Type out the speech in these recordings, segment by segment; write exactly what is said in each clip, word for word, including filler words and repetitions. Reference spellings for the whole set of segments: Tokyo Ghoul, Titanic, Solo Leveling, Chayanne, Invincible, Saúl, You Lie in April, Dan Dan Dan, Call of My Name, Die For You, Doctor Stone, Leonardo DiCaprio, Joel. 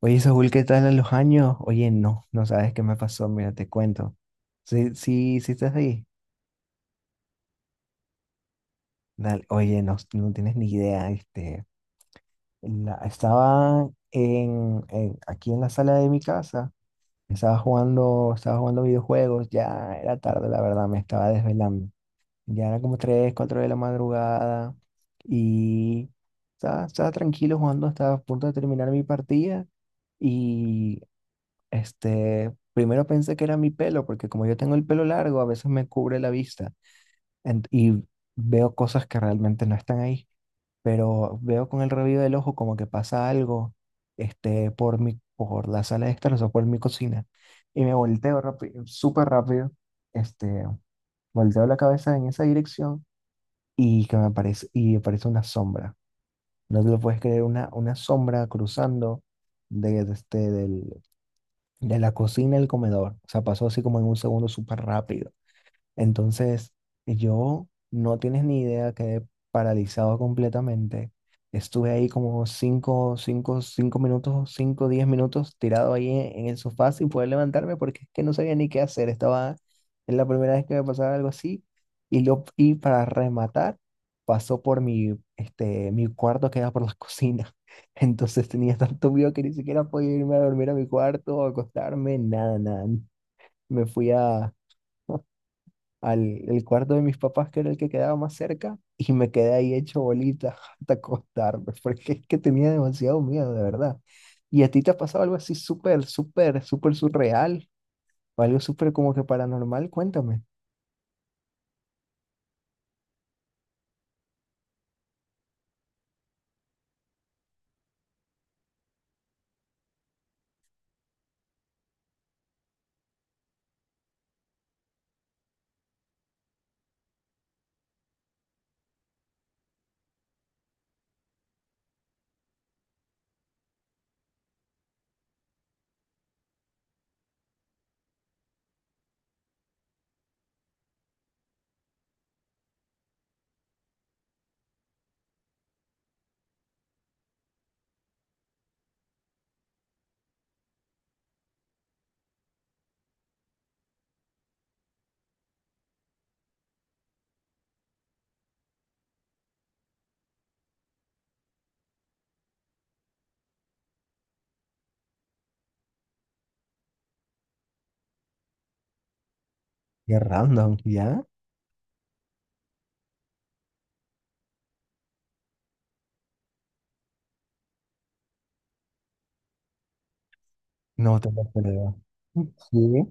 Oye, Saúl, ¿qué tal a los años? Oye, no, no sabes qué me pasó, mira, te cuento. Sí, sí, sí estás ahí. Dale, oye, no, no tienes ni idea, este, la- estaba en, en- aquí en la sala de mi casa, estaba jugando, estaba jugando videojuegos, ya era tarde, la verdad, me estaba desvelando. Ya era como tres, cuatro de la madrugada y estaba, estaba tranquilo jugando, estaba a punto de terminar mi partida y Este, primero pensé que era mi pelo, porque como yo tengo el pelo largo, a veces me cubre la vista ent- y veo cosas que realmente no están ahí, pero veo con el rabillo del ojo como que pasa algo, este, por mi, por la sala de estar, o sea, por mi cocina, y me volteo rápido, súper rápido, este, volteo la cabeza en esa dirección y que me aparece, y aparece una sombra. No te lo puedes creer, una, una sombra cruzando de, de este, del, de la cocina al comedor. O sea, pasó así como en un segundo súper rápido. Entonces, yo no tienes ni idea, quedé paralizado completamente. Estuve ahí como cinco cinco cinco minutos, cinco diez minutos tirado ahí en, en el sofá sin poder levantarme porque es que no sabía ni qué hacer. Estaba, es la primera vez que me pasaba algo así. Y, lo, y para rematar, pasó por mi, este, mi cuarto que era por la cocina. Entonces tenía tanto miedo que ni siquiera podía irme a dormir a mi cuarto o acostarme, nada, nada. Me fui a... al el cuarto de mis papás, que era el que quedaba más cerca, y me quedé ahí hecho bolita hasta acostarme, porque es que tenía demasiado miedo, de verdad. ¿Y a ti te ha pasado algo así súper, súper, súper surreal? ¿O algo súper como que paranormal? Cuéntame. Qué random, ¿ya? No te lo creo. Sí.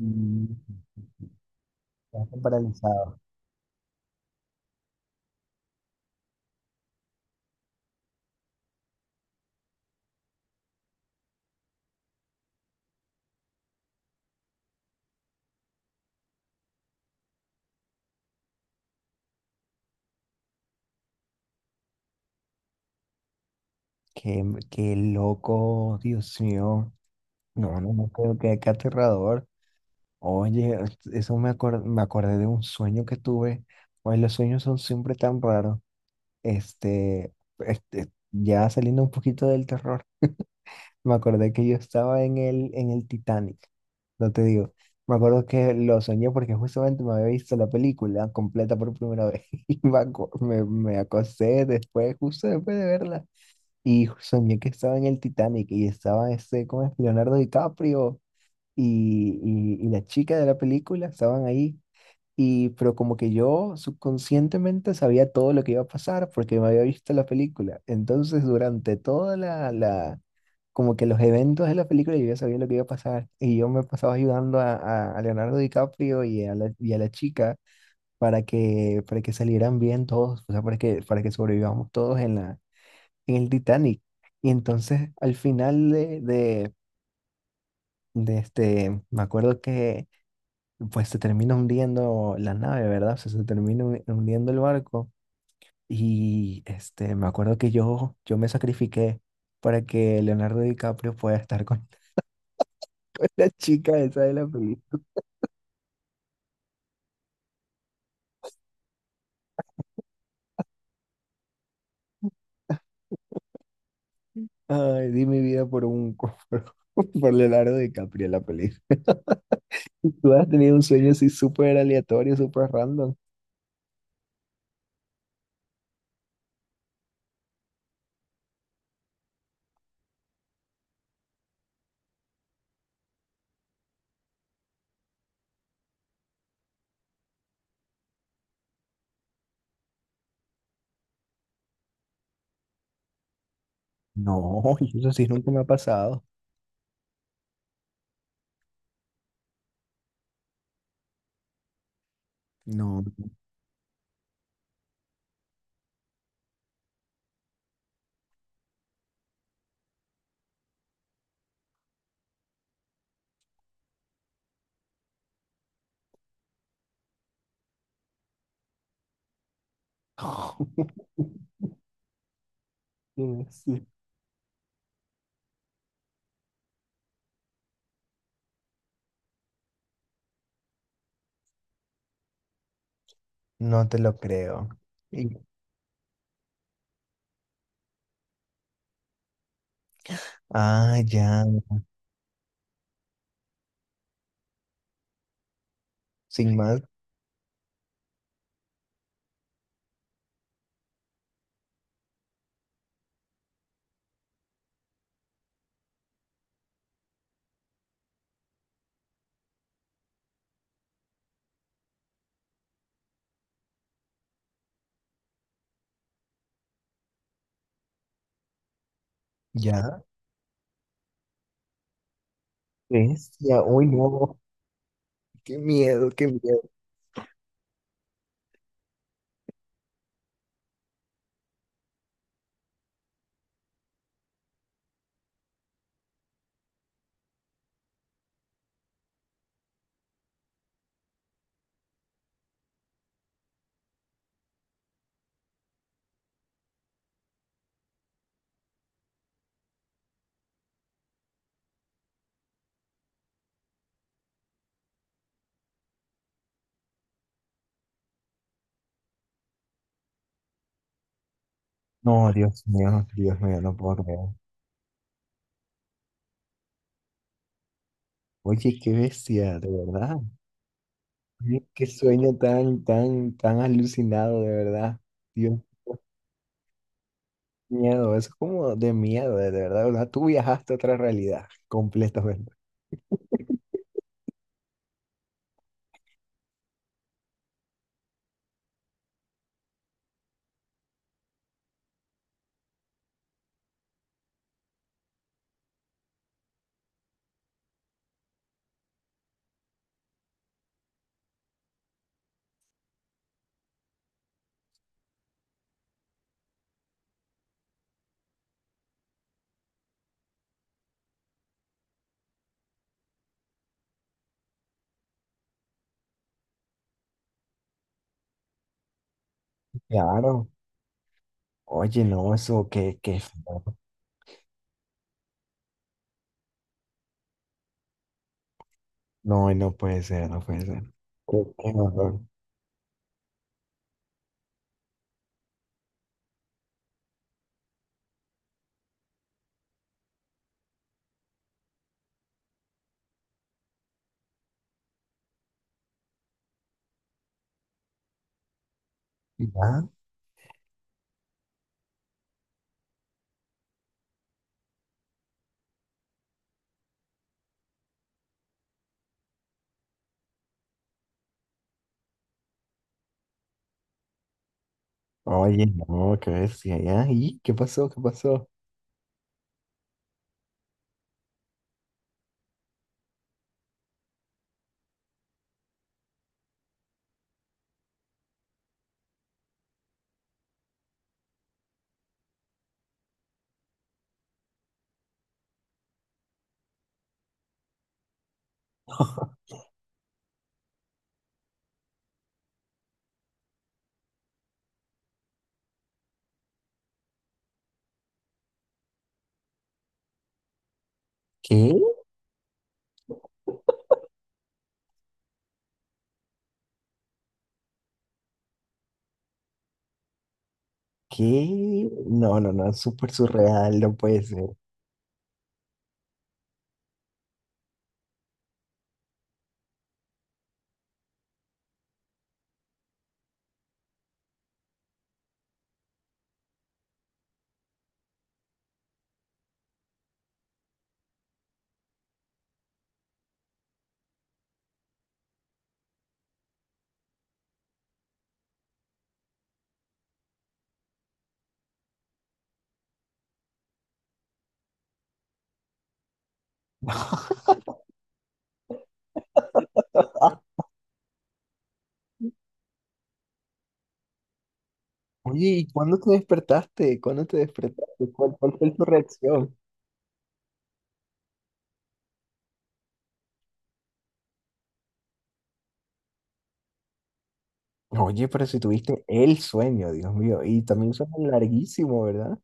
Mm, estás paralizado. Qué, qué loco, Dios mío. No, no, no creo que qué aterrador. Oye, eso me acuer- me acordé de un sueño que tuve. Oye, los sueños son siempre tan raros. Este, este, ya saliendo un poquito del terror, me acordé que yo estaba en el, en el Titanic. No te digo. Me acuerdo que lo soñé porque justamente me había visto la película completa por primera vez. Y me, aco- me, me acosté después, justo después de verla. Y soñé que estaba en el Titanic y estaba ese, ¿cómo es? Leonardo DiCaprio y, y- y la chica de la película estaban ahí. Y, pero como que yo subconscientemente sabía todo lo que iba a pasar porque me había visto la película. Entonces, durante toda la, la- como que los eventos de la película, yo ya sabía lo que iba a pasar. Y yo me pasaba ayudando a, a- a Leonardo DiCaprio y a la, y a la chica para que, para que salieran bien todos, o sea, para que, para que sobrevivamos todos en la, en el Titanic. Y entonces, al final de, de, de este, me acuerdo que pues se termina hundiendo la nave, ¿verdad? O sea, se termina hu- hundiendo el barco. Y este, me acuerdo que yo, yo me sacrifiqué para que Leonardo DiCaprio pueda estar con, con la chica esa de la película. Ay, di mi vida por un, por, por Leonardo DiCaprio en la película. ¿Tú has tenido un sueño así súper aleatorio, súper random? No, eso sí nunca me ha pasado. No. Sí. No te lo creo. Y- Ah, ya. Sin más. Ya, bestia, uy, no, qué miedo, qué miedo. No, Dios mío, Dios mío, no puedo creer. Oye, qué bestia, de verdad. Oye, qué sueño tan, tan, tan alucinado, de verdad. Dios, qué miedo, eso es como de miedo, de, de verdad, de verdad. Tú viajaste a otra realidad completamente. Claro. Oye, no, eso, qué, qué feo. No, no puede ser, no puede ser. Qué, qué horror. ¿Ya? Oye, no, qué bestia, ¿ya? ¿Y qué pasó? ¿Qué pasó? ¿Qué? ¿Qué? No, no, no, es súper surreal, no puede ser. Oye, ¿y cuándo te despertaste? ¿Cuándo te despertaste? ¿Cuál, ¿cuál fue tu reacción? Oye, pero si tuviste el sueño, Dios mío, y también un sueño larguísimo, ¿verdad?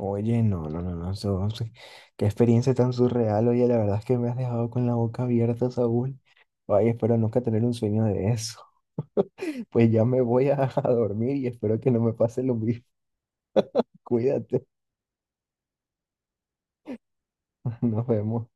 Oye, no, no, no, no, eso- sí, qué experiencia tan surreal, oye, la verdad es que me has dejado con la boca abierta, Saúl. Ay, espero nunca tener un sueño de eso. Pues ya me voy a, a dormir y espero que no me pase lo mismo. Cuídate, nos vemos.